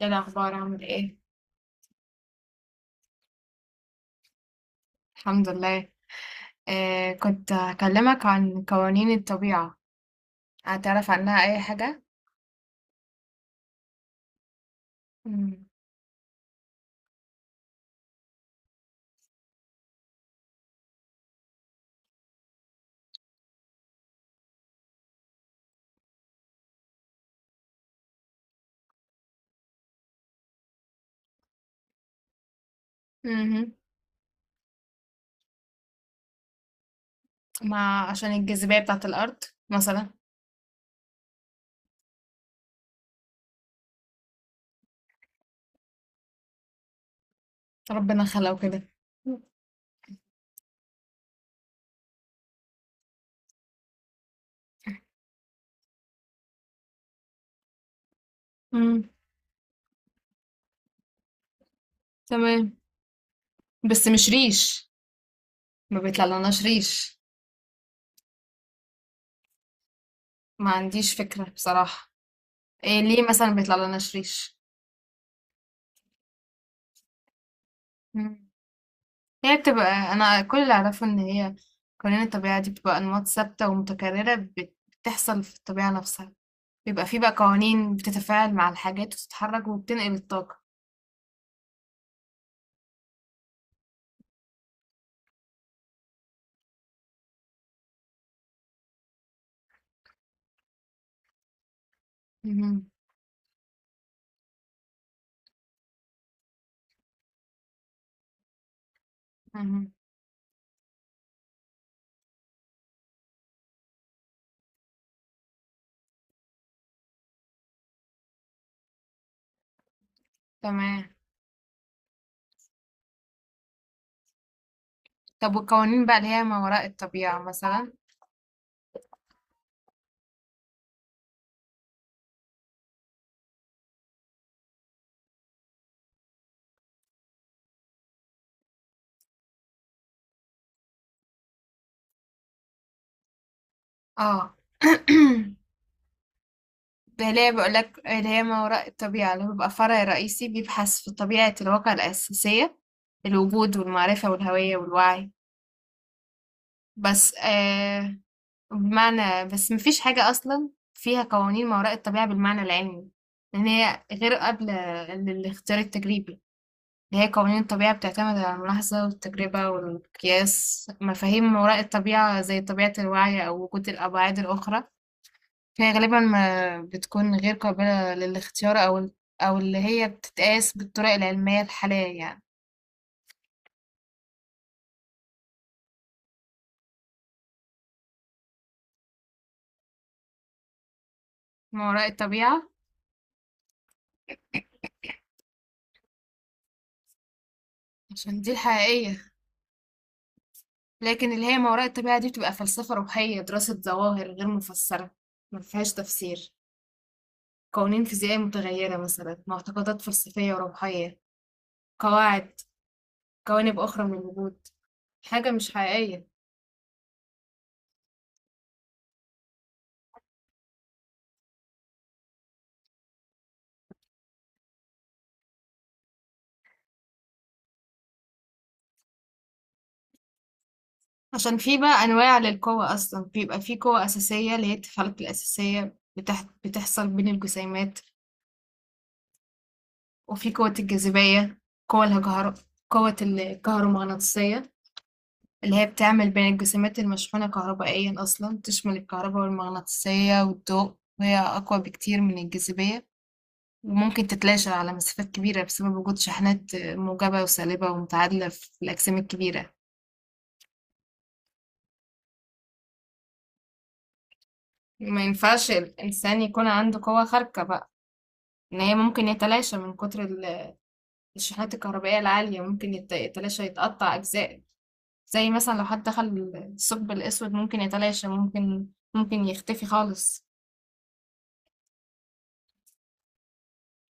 ايه الأخبار عامل ايه؟ الحمد لله. كنت هكلمك عن قوانين الطبيعة. هتعرف عنها أي حاجة؟ مم. مهم. ما عشان الجاذبية بتاعة الأرض مثلا. ربنا خلقه كده. مم. تمام، بس مش ريش. ما بيطلعلناش ريش. ما عنديش فكرة بصراحة. إيه ليه مثلا بيطلعلناش ريش؟ مم. هي بتبقى، أنا كل اللي أعرفه إن هي قوانين الطبيعة دي بتبقى أنماط ثابتة ومتكررة بتحصل في الطبيعة نفسها. بيبقى فيه بقى قوانين بتتفاعل مع الحاجات وتتحرك وبتنقل الطاقة. مهم. مهم. تمام. طب والقوانين بقى اللي هي ما وراء الطبيعة مثلا؟ اه. ده اللي هي بقول لك، اللي هي ما وراء الطبيعة اللي هو بيبقى فرع رئيسي بيبحث في طبيعة الواقع الأساسية، الوجود والمعرفة والهوية والوعي. بس بمعنى، بس مفيش حاجة أصلا فيها قوانين ما وراء الطبيعة بالمعنى العلمي، لأن هي غير قابلة للاختيار التجريبي. اللي هي قوانين الطبيعة بتعتمد على الملاحظة والتجربة والقياس، مفاهيم ما وراء الطبيعة زي طبيعة الوعي أو وجود الأبعاد الأخرى فهي غالبا ما بتكون غير قابلة للاختيار، أو اللي هي بتتقاس بالطرق العلمية الحالية يعني. ما وراء الطبيعة. عشان دي الحقيقية، لكن اللي هي ما وراء الطبيعة دي بتبقى فلسفة روحية، دراسة ظواهر غير مفسرة، ما فيهاش تفسير، قوانين فيزيائية متغيرة مثلا، معتقدات فلسفية وروحية، قواعد، جوانب أخرى من الوجود، حاجة مش حقيقية. عشان في بقى أنواع للقوة أصلا، بيبقى في قوة أساسية اللي هي التفلق الأساسية بتحصل بين الجسيمات. وفي قوة الجاذبية. قوة الهجهر، قوة الكهرومغناطيسية اللي هي بتعمل بين الجسيمات المشحونة كهربائيا، أصلا تشمل الكهرباء والمغناطيسية والضوء. وهي أقوى بكتير من الجاذبية، وممكن تتلاشى على مسافات كبيرة بسبب وجود شحنات موجبة وسالبة ومتعادلة في الأجسام الكبيرة. ما ينفعش الإنسان يكون عنده قوة خارقة بقى. ان هي ممكن يتلاشى من كتر الشحنات الكهربائية العالية، ممكن يتلاشى، يتقطع اجزاء. زي مثلا لو حد دخل الثقب الاسود ممكن يتلاشى، ممكن يختفي خالص.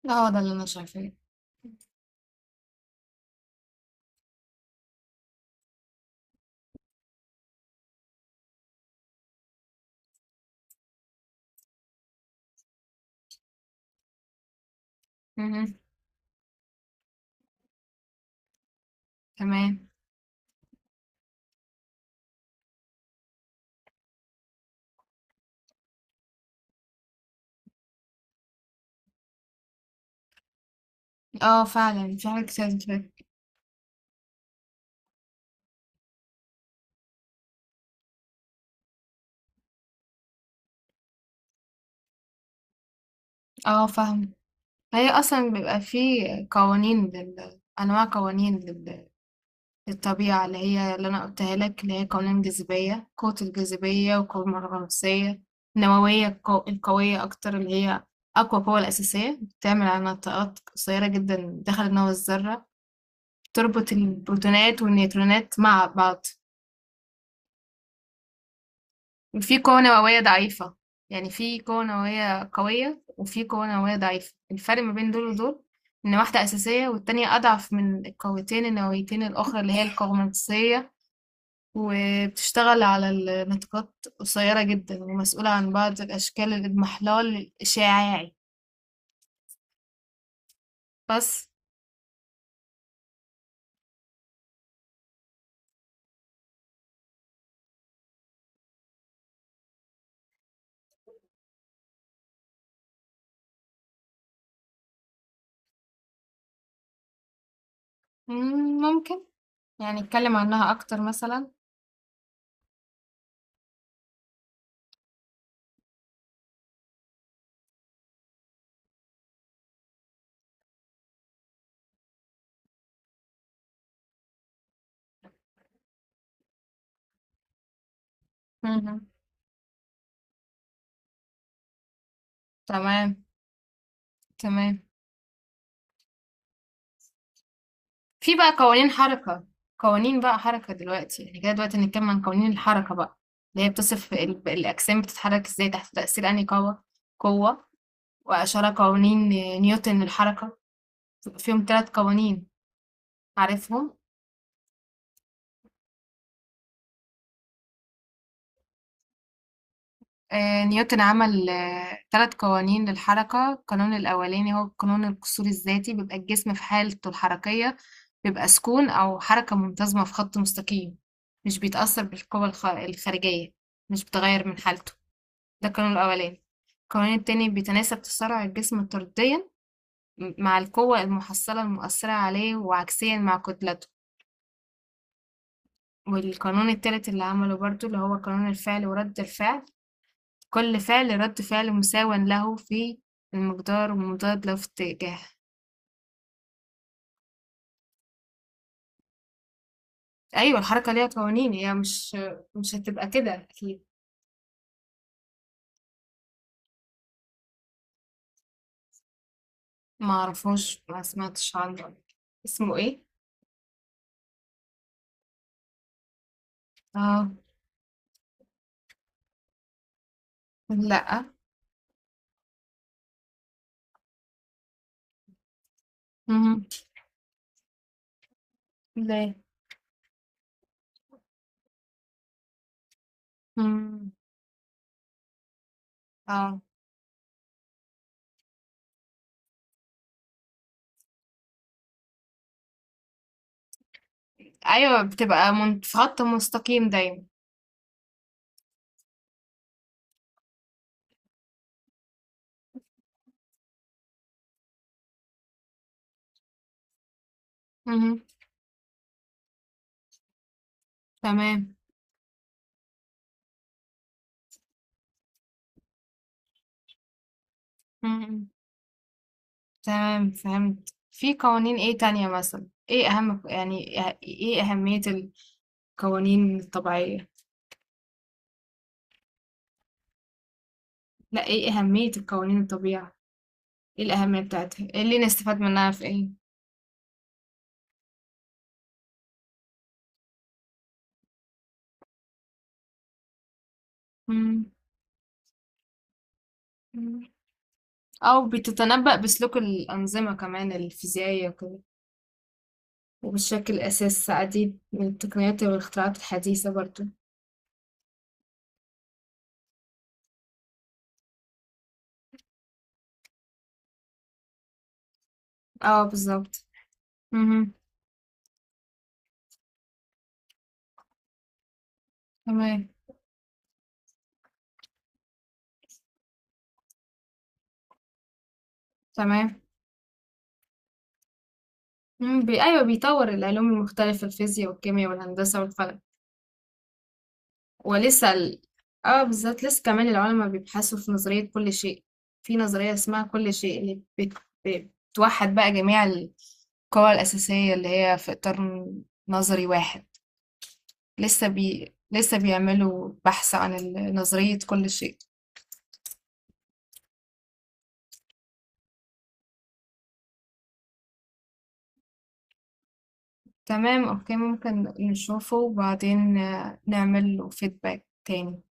لا، هو ده اللي انا شايفاه. مهم. تمام. اه فعلا في حاجات كتير كده. اه فاهم. هي اصلا بيبقى في انواع قوانين الطبيعة اللي هي اللي أنا قلتها لك، اللي هي قوانين الجاذبية، قوة الجاذبية والقوة الغناطيسية النووية، القوية أكتر اللي هي أقوى قوة الأساسية، بتعمل على نطاقات قصيرة جدا داخل نواة الذرة، تربط البروتونات والنيوترونات مع بعض. وفي قوة نووية ضعيفة. يعني في قوة نووية قوية وفي قوة نووية ضعيفة، الفرق ما بين دول ودول إن واحدة أساسية والتانية أضعف من القوتين النوويتين الأخرى اللي هي القوة الغناطيسية، وبتشتغل على النطاقات قصيرة جدا، ومسؤولة عن بعض أشكال الإضمحلال الإشعاعي. بس. ممكن، يعني نتكلم عنها أكتر مثلا. مهم. تمام. تمام. في بقى قوانين حركة، قوانين بقى حركة دلوقتي، يعني كده دلوقتي نتكلم عن قوانين الحركة بقى اللي هي بتصف الأجسام بتتحرك إزاي تحت تأثير أنهي قوة. قوة وأشار قوانين نيوتن للحركة، بيبقى فيهم ثلاث قوانين، عارفهم. نيوتن عمل ثلاث قوانين للحركة. القانون الأولاني هو قانون القصور الذاتي، بيبقى الجسم في حالته الحركية، بيبقى سكون أو حركة منتظمة في خط مستقيم مش بيتأثر الخارجية، مش بتغير من حالته. ده القانون الأولاني. القانون التاني بيتناسب تسارع الجسم طرديا مع القوة المحصلة المؤثرة عليه، وعكسيا مع كتلته. والقانون التالت اللي عمله برضو اللي هو قانون الفعل ورد الفعل، كل فعل رد فعل مساو له في المقدار ومضاد له في اتجاه. ايوه الحركه ليها قوانين، هي مش هتبقى كده اكيد. ما اعرفوش، ما سمعتش عنه، اسمه ايه؟ اه. لا. مم. لا. مم. اه. ايوه بتبقى في خط مستقيم دايما. مم. تمام. مم. تمام فهمت. في قوانين ايه تانية مثلا؟ ايه اهم يعني؟ ايه اهمية القوانين الطبيعية؟ لا، ايه أهمية القوانين الطبيعة؟ ايه الأهمية بتاعتها؟ ايه اللي نستفاد منها في ايه؟ مم. مم. أو بتتنبأ بسلوك الأنظمة كمان الفيزيائية وكده. وبتشكل أساس عديد من التقنيات والاختراعات الحديثة برضو. اه بالظبط. مهم. تمام. تمام. مم. أيوه بيطور العلوم المختلفة، الفيزياء والكيمياء والهندسة والفلك. ولسه ال... اه بالظبط لسه كمان العلماء بيبحثوا في نظرية كل شيء. في نظرية اسمها كل شيء اللي بتوحد بقى جميع القوى الأساسية اللي هي في إطار نظري واحد. لسه بيعملوا بحث عن نظرية كل شيء. تمام أوكي، ممكن نشوفه وبعدين نعمل له فيدباك تاني.